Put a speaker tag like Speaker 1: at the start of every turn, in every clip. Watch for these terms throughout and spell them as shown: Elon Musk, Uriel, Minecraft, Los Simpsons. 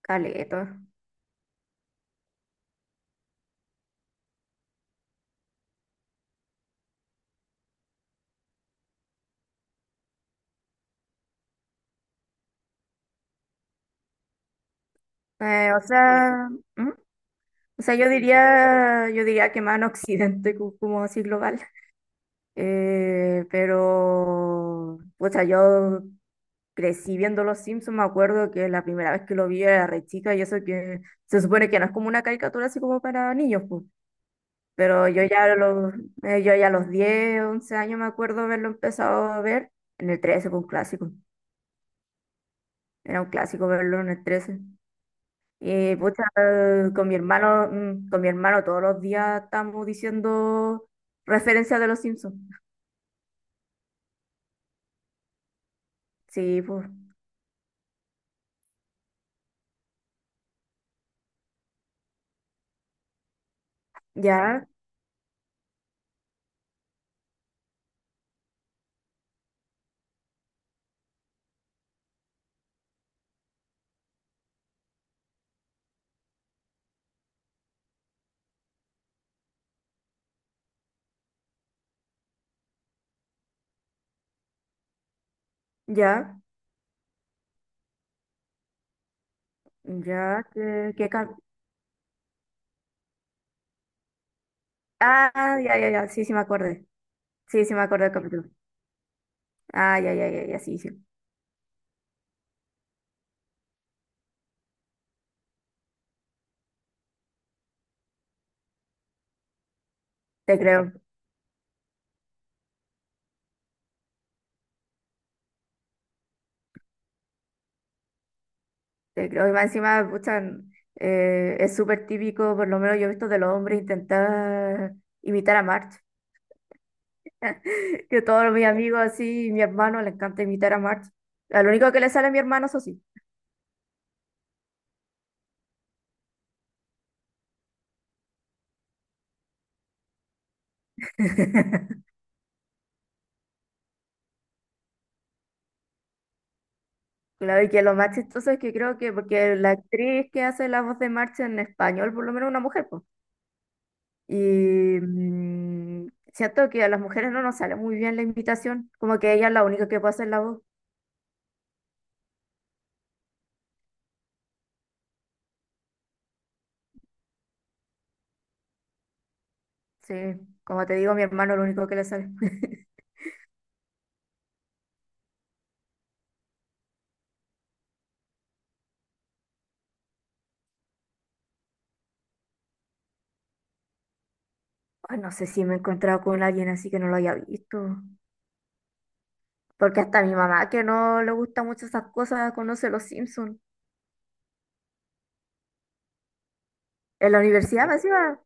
Speaker 1: Caleta. O sea, ¿mm? O sea, yo diría que más en Occidente, como así global. Pero, o sea, yo crecí viendo Los Simpsons. Me acuerdo que la primera vez que lo vi era re chica, y eso que se supone que no es como una caricatura así como para niños, pues. Pero yo ya a los, yo ya a los 10 11 años me acuerdo haberlo empezado a ver. En el 13 fue un clásico. Era un clásico verlo en el 13. Y pucha, con mi hermano todos los días estamos diciendo referencias de los Simpsons. Sí, pues. Ya, ya, ya, ah, ya, ya, ya, sí, sí me acordé. Sí, sí me acordé del capítulo. Ah, ya, ya, ya, ya, sí, sí. Te creo, te creo. Y más encima, pucha, es súper típico, por lo menos yo he visto de los hombres intentar imitar a March. Que todos mis amigos así, mi hermano le encanta imitar a March. Lo único que le sale a mi hermano, eso sí. Claro, y que lo más chistoso es que creo que, porque la actriz que hace la voz de Marcha en español, por lo menos una mujer, pues. Y siento que a las mujeres no nos sale muy bien la invitación, como que ella es la única que puede hacer la voz. Sí, como te digo, mi hermano es lo único que le sale. Ay, no sé si me he encontrado con alguien así que no lo haya visto. Porque hasta mi mamá, que no le gusta mucho esas cosas, conoce los Simpsons. En la universidad me decía,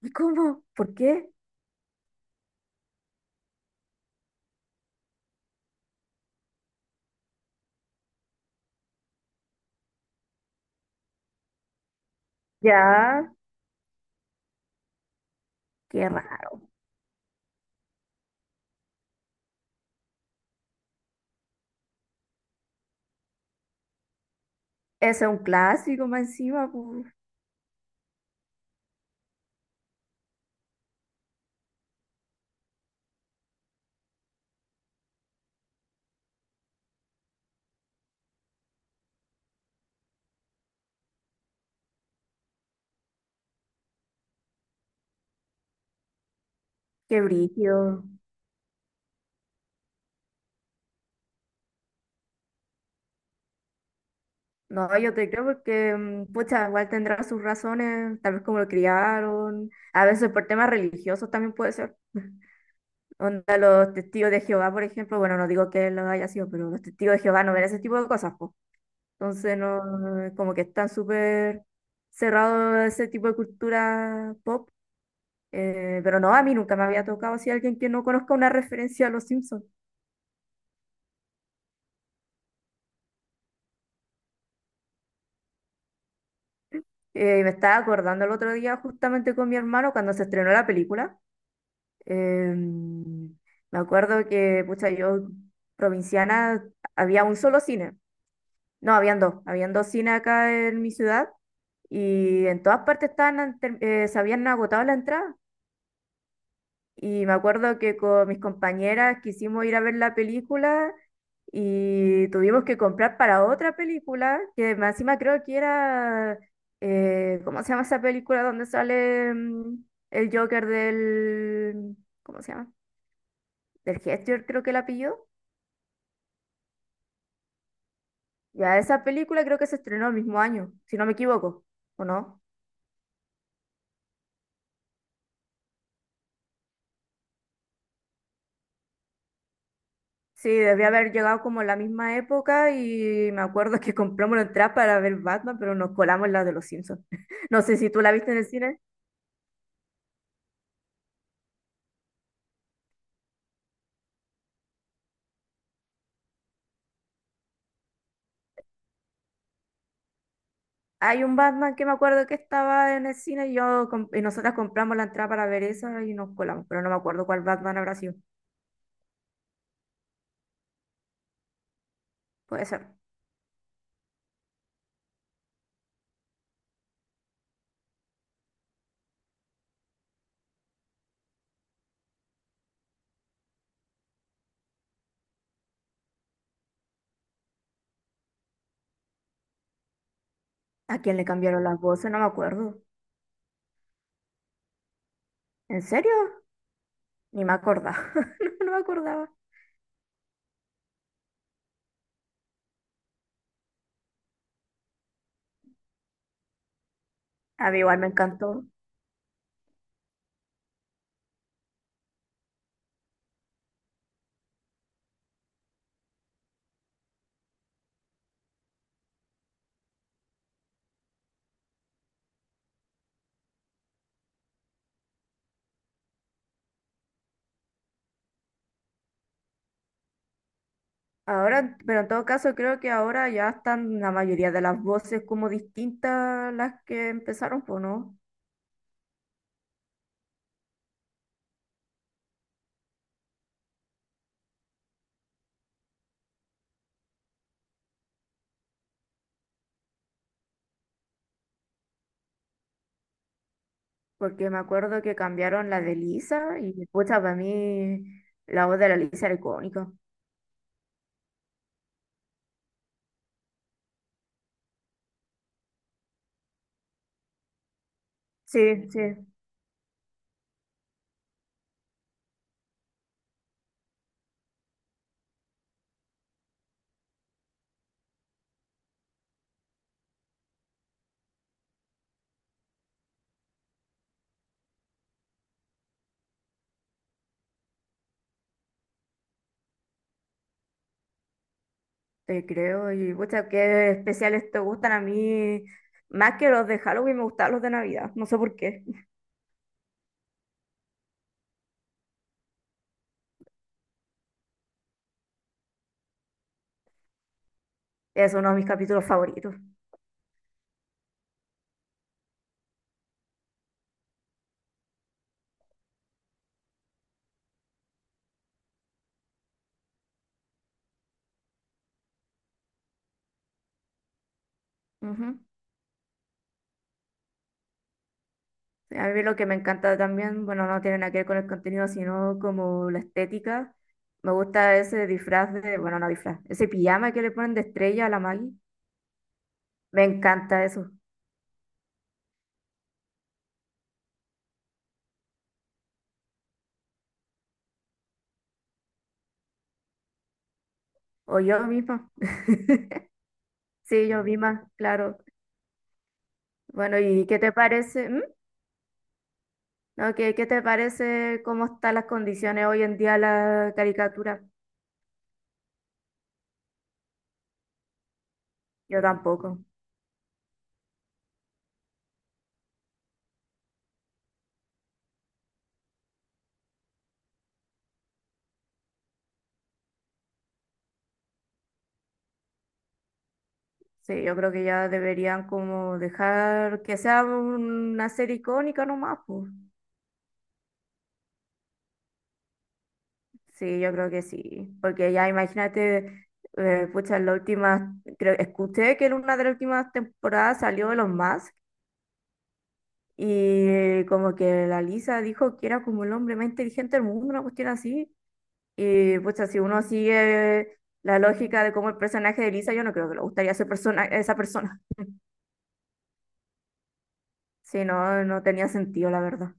Speaker 1: ¿y cómo? ¿Por qué? Ya, qué raro. Ese es un clásico más encima, po. Qué brígido. No, yo te creo porque, pucha, igual tendrá sus razones, tal vez como lo criaron, a veces por temas religiosos también puede ser. Onda, los testigos de Jehová, por ejemplo, bueno, no digo que lo haya sido, pero los testigos de Jehová no ven ese tipo de cosas, pues. Entonces, no, como que están súper cerrados a ese tipo de cultura pop. Pero no, a mí nunca me había tocado así alguien que no conozca una referencia a los Simpsons. Me estaba acordando el otro día justamente con mi hermano cuando se estrenó la película. Em, Me acuerdo que, pucha, yo provinciana, había un solo cine. No, habían dos. Habían dos cines acá en mi ciudad y en todas partes estaban, se habían agotado la entrada. Y me acuerdo que con mis compañeras quisimos ir a ver la película y tuvimos que comprar para otra película, que más encima creo que era, ¿cómo se llama esa película donde sale el Joker del... ¿Cómo se llama? Del Gesture creo que la pilló. Ya, esa película creo que se estrenó el mismo año, si no me equivoco, ¿o no? Sí, debía haber llegado como en la misma época y me acuerdo que compramos la entrada para ver Batman, pero nos colamos la de los Simpsons. No sé si tú la viste en el cine. Hay un Batman que me acuerdo que estaba en el cine y, yo, y nosotras compramos la entrada para ver esa y nos colamos, pero no me acuerdo cuál Batman habrá sido. Puede ser. ¿A quién le cambiaron las voces? No me acuerdo. ¿En serio? Ni me acordaba. No, no me acordaba. A mí igual me encantó. Ahora, pero en todo caso creo que ahora ya están la mayoría de las voces como distintas las que empezaron, pues no, porque me acuerdo que cambiaron la de Lisa y pucha, para mí la voz de la Lisa era icónica. Sí, sí, te creo. Y pucha, qué especiales te gustan a mí, más que los de Halloween me gustaban los de Navidad, no sé por qué. Es uno de mis capítulos favoritos. Ujú. Sí, a mí lo que me encanta también, bueno, no tiene nada que ver con el contenido, sino como la estética. Me gusta ese disfraz de, bueno, no disfraz, ese pijama que le ponen de estrella a la Maggie. Me encanta eso. O yo misma. Sí, yo misma, claro. Bueno, ¿y qué te parece? ¿Mm? Ok, ¿qué te parece cómo están las condiciones hoy en día la caricatura? Yo tampoco. Sí, yo creo que ya deberían como dejar que sea una serie icónica nomás, pues. Sí, yo creo que sí. Porque ya imagínate, pucha, en la última, creo, escuché que en una de las últimas temporadas salió Elon Musk y como que la Lisa dijo que era como el hombre más inteligente del mundo, una cuestión así. Y pues si uno sigue la lógica de cómo el personaje de Lisa, yo no creo que le gustaría ese persona, esa persona. Si no, no tenía sentido, la verdad.